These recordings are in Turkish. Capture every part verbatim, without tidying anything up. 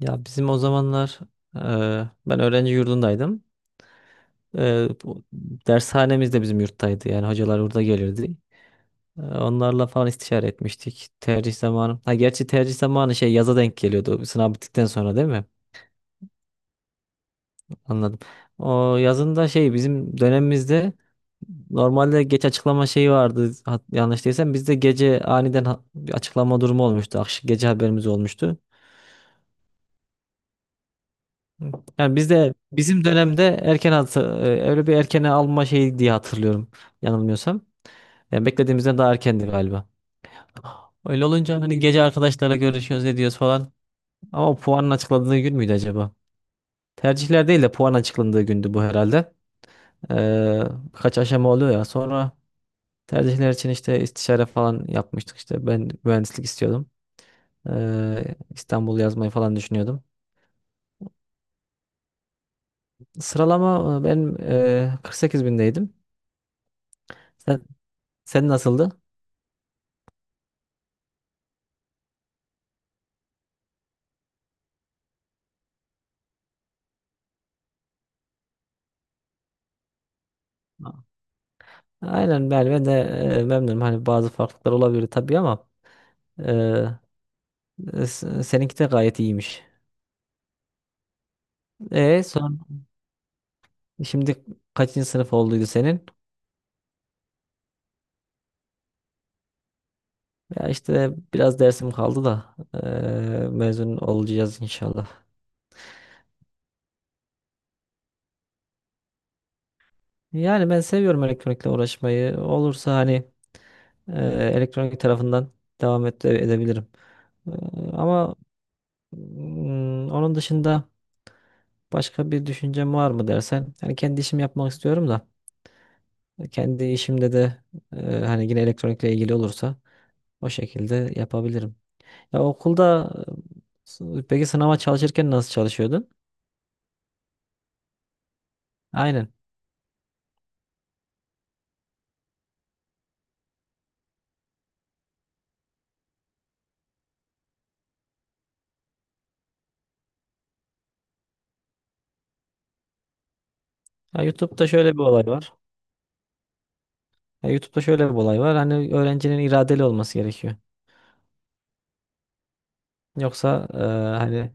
Ya bizim o zamanlar eee, ben öğrenci yurdundaydım. Eee, bu dershanemiz de bizim yurttaydı. Yani hocalar burada gelirdi. Eee, onlarla falan istişare etmiştik. Tercih zamanı. Ha gerçi tercih zamanı şey yaza denk geliyordu. Sınav bittikten sonra değil mi? Anladım. O yazında şey bizim dönemimizde normalde geç açıklama şeyi vardı. Hat- Yanlış değilsem bizde gece aniden ha- bir açıklama durumu olmuştu. Akşam gece haberimiz olmuştu. Yani bizde bizim dönemde erken atı, e, öyle bir erkene alma şeyi diye hatırlıyorum yanılmıyorsam. Yani beklediğimizden daha erkendi galiba. Öyle olunca hani gece arkadaşlarla görüşüyoruz ediyoruz falan. Ama puanın açıkladığı gün müydü acaba? Tercihler değil de puan açıklandığı gündü bu herhalde. Ee, Birkaç aşama oluyor ya. Sonra tercihler için işte istişare falan yapmıştık işte. Ben mühendislik istiyordum. Ee, İstanbul yazmayı falan düşünüyordum. Sıralama e, benim e, kırk sekiz bindeydim. Sen, sen nasıldı? Aynen ben, ben de e, memnunum. Hani bazı farklılıklar olabilir tabii ama e, e, s- seninki de gayet iyiymiş. E son şimdi kaçıncı sınıf olduydu senin? Ya işte biraz dersim kaldı da e, mezun olacağız inşallah. Yani ben seviyorum elektronikle uğraşmayı. Olursa hani e, elektronik tarafından devam et, edebilirim. E, ama mm, onun dışında başka bir düşüncem var mı dersen? Yani kendi işimi yapmak istiyorum da. Kendi işimde de e, hani yine elektronikle ilgili olursa o şekilde yapabilirim. Ya okulda e, s- peki sınava çalışırken nasıl çalışıyordun? Aynen. Ya YouTube'da şöyle bir olay var. Ya YouTube'da şöyle bir olay var. Hani öğrencinin iradeli olması gerekiyor. Yoksa e, hani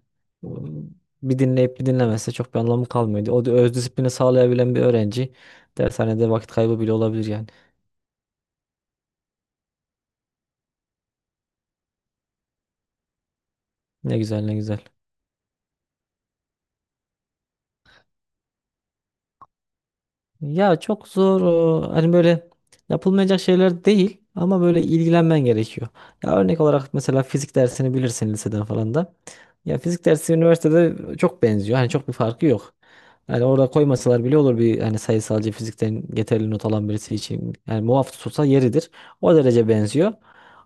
bir dinleyip bir dinlemezse çok bir anlamı kalmıyor. O da öz disiplini sağlayabilen bir öğrenci dershanede vakit kaybı bile olabilir yani. Ne güzel ne güzel. Ya çok zor o, hani böyle yapılmayacak şeyler değil ama böyle ilgilenmen gerekiyor. Ya örnek olarak mesela fizik dersini bilirsin liseden falan da. Ya fizik dersi üniversitede çok benziyor. Hani çok bir farkı yok. Yani orada koymasalar bile olur bir hani sayısalcı fizikten yeterli not alan birisi için. Yani muaf tutulsa yeridir. O derece benziyor.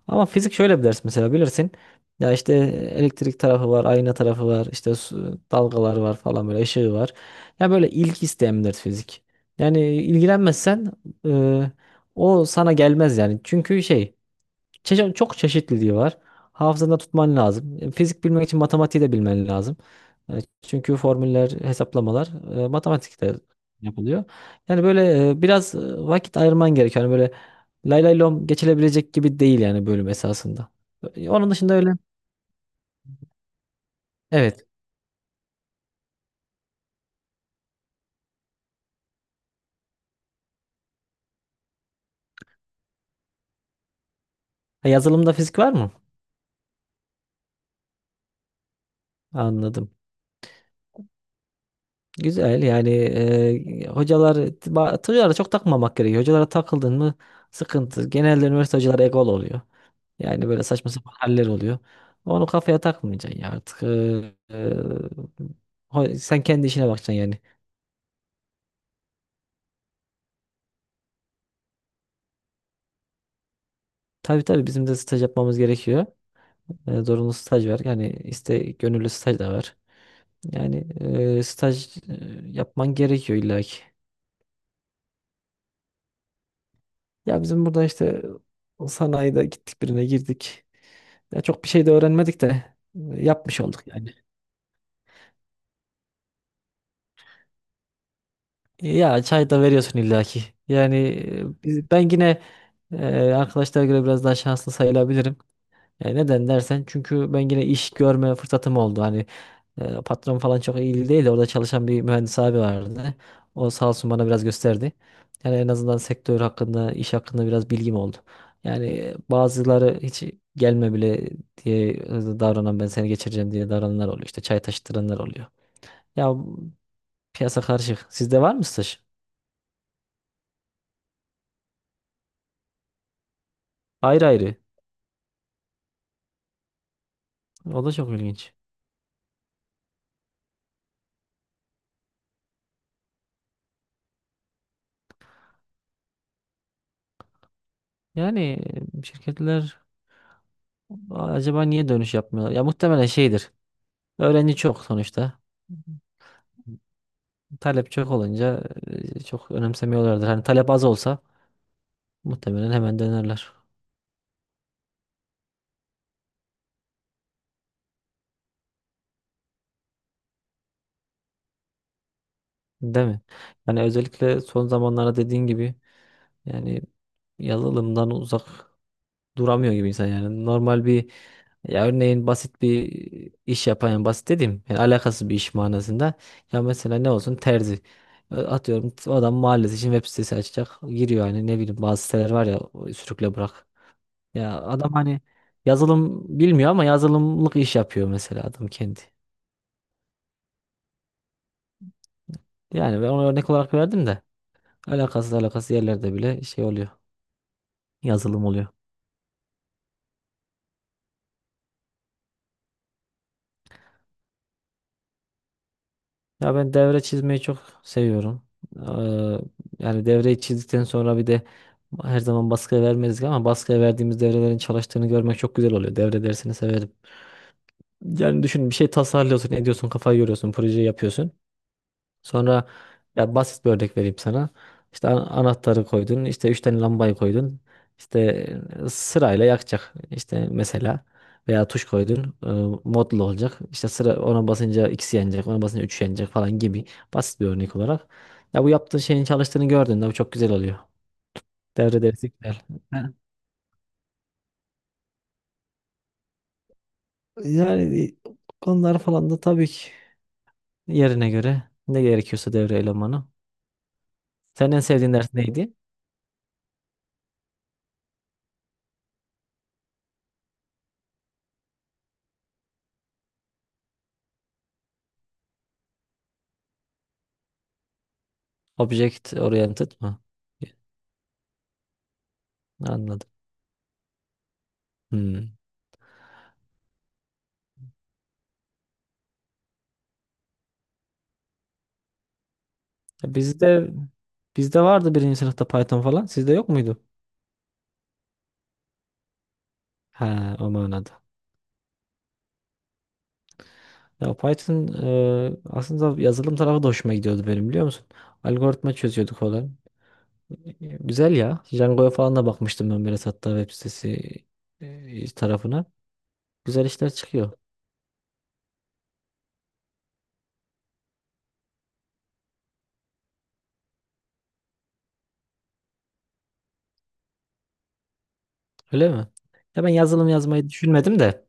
Ama fizik şöyle bir ders mesela bilirsin. Ya işte elektrik tarafı var, ayna tarafı var, işte su- dalgalar var falan böyle ışığı var. Ya böyle ilgi isteyen bir ders fizik. Yani ilgilenmezsen e, o sana gelmez yani. Çünkü şey çeşe- çok çeşitliliği var. Hafızanda tutman lazım. E, Fizik bilmek için matematiği de bilmen lazım. E, Çünkü formüller, hesaplamalar e, matematikte yapılıyor. Yani böyle e, biraz e, vakit ayırman gerekiyor. Yani böyle lay lay lom geçilebilecek gibi değil yani bölüm esasında. E, Onun dışında öyle. Evet. Ha, yazılımda fizik var mı? Anladım. Güzel yani e, hocalar ba- hocalara çok takmamak gerekiyor. Hocalara takıldın mı sıkıntı. Genelde üniversite hocaları egol oluyor. Yani böyle saçma sapan haller oluyor. Onu kafaya takmayacaksın ya artık. E, e, ho- sen kendi işine bakacaksın yani. Tabii tabii bizim de staj yapmamız gerekiyor. E, zorunlu staj var. Yani iste gönüllü staj da var. Yani e, staj e, yapman gerekiyor illaki. Ya bizim burada işte sanayide gittik birine girdik. Ya çok bir şey de öğrenmedik de e, yapmış olduk yani. Ya çay da veriyorsun illaki. Yani e, biz- ben yine e, arkadaşlara göre biraz daha şanslı sayılabilirim. E, neden dersen çünkü ben yine iş görme fırsatım oldu. Hani e, patron falan çok iyi değil de orada çalışan bir mühendis abi vardı. O sağ olsun bana biraz gösterdi. Yani en azından sektör hakkında, iş hakkında biraz bilgim oldu. Yani e, bazıları hiç gelme bile diye e, davranan ben seni geçireceğim diye davrananlar oluyor. İşte çay taşıtıranlar oluyor. Ya piyasa karışık. Sizde var mı staj? Ayrı ayrı. O da çok ilginç. Yani e, şirketler acaba niye dönüş yapmıyorlar? Ya muhtemelen şeydir. Öğrenci çok sonuçta. Talep çok olunca e, çok önemsemiyorlardır. Hani talep az olsa muhtemelen hemen dönerler. Değil mi? Yani özellikle son zamanlarda dediğin gibi yani yazılımdan uzak duramıyor gibi insan yani. Normal bir ya örneğin basit bir iş yapan yani basit dediğim yani alakasız bir iş manasında. Ya mesela ne olsun terzi. E, Atıyorum adam mahallesi için web sitesi açacak. Giriyor hani ne bileyim bazı siteler var ya o sürükle bırak. Ya adam hani yazılım bilmiyor ama yazılımlık iş yapıyor mesela adam kendi. Yani ben ona örnek olarak verdim de alakasız alakasız yerlerde bile şey oluyor. Yazılım oluyor. Ya ben devre çizmeyi çok seviyorum. Eee, Yani devreyi çizdikten sonra bir de her zaman baskıya vermedik ama baskıya verdiğimiz devrelerin çalıştığını görmek çok güzel oluyor. Devre dersini severim. Yani düşün bir şey tasarlıyorsun, ediyorsun, kafayı yoruyorsun, projeyi yapıyorsun. Sonra ya basit bir örnek vereyim sana. İşte an- anahtarı koydun, işte üç tane lambayı koydun. İşte e, sırayla yakacak. İşte mesela veya tuş koydun, e, modlu olacak. İşte sıra ona basınca ikisi yanacak, ona basınca üç yanacak falan gibi basit bir örnek olarak. Ya bu yaptığın şeyin çalıştığını gördün de bu çok güzel oluyor. Devre dersi güzel. Ha. Yani e, konular falan da tabii ki yerine göre ne gerekiyorsa devre elemanı. Senin en sevdiğin ders neydi? Object oriented mı? Anladım. Hmm. Ya Bizde bizde vardı birinci sınıfta Python falan. Sizde yok muydu? Ha, o manada. Ya Python e, aslında yazılım tarafı da hoşuma gidiyordu benim biliyor musun? Algoritma çözüyorduk falan. E, Güzel ya. Django'ya falan da bakmıştım ben biraz hatta web sitesi e, tarafına. Güzel işler çıkıyor. Öyle mi? Ya ben yazılım yazmayı düşünmedim de.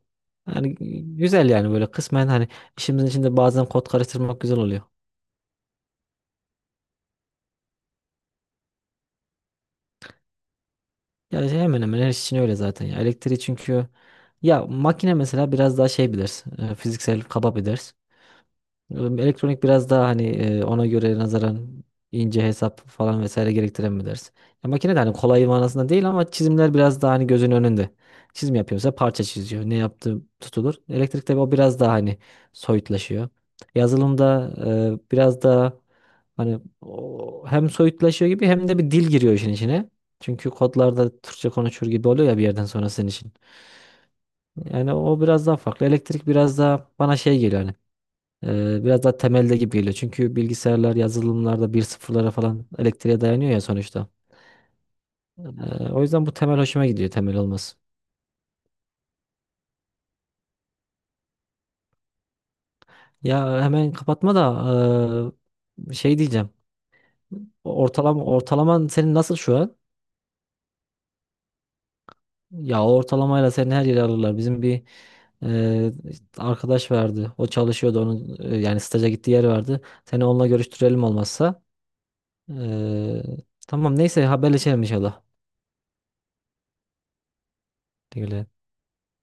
Yani güzel yani böyle kısmen hani işimizin içinde bazen kod karıştırmak güzel oluyor. Ya hemen hemen her iş için öyle zaten ya. Elektriği çünkü ya makine mesela biraz daha şey bilir. e, Fiziksel kaba bilir. Elektronik biraz daha hani e, ona göre nazaran ince hesap falan vesaire gerektiren mi dersin? Ya makine de hani kolay manasında değil ama çizimler biraz daha hani gözün önünde. Çizim yapıyorsa parça çiziyor. Ne yaptığı tutulur. Elektrikte o biraz daha hani soyutlaşıyor. Yazılımda e, biraz daha hani o hem soyutlaşıyor gibi hem de bir dil giriyor işin içine. Çünkü kodlarda Türkçe konuşur gibi oluyor ya bir yerden sonra senin için. Yani o biraz daha farklı. Elektrik biraz daha bana şey geliyor. Hani ee, biraz daha temelde gibi geliyor. Çünkü bilgisayarlar yazılımlarda bir sıfırlara falan elektriğe dayanıyor ya sonuçta. Ee, O yüzden bu temel hoşuma gidiyor temel olması. Ya hemen kapatma da ee, şey diyeceğim. Ortalama ortalaman senin nasıl şu an? Ya o ortalamayla seni her yere alırlar. Bizim bir ee, arkadaş vardı. O çalışıyordu onun ee, yani staja gittiği yer vardı. Seni onunla görüştürelim olmazsa. Ee, tamam neyse haberleşelim inşallah. Güle güle.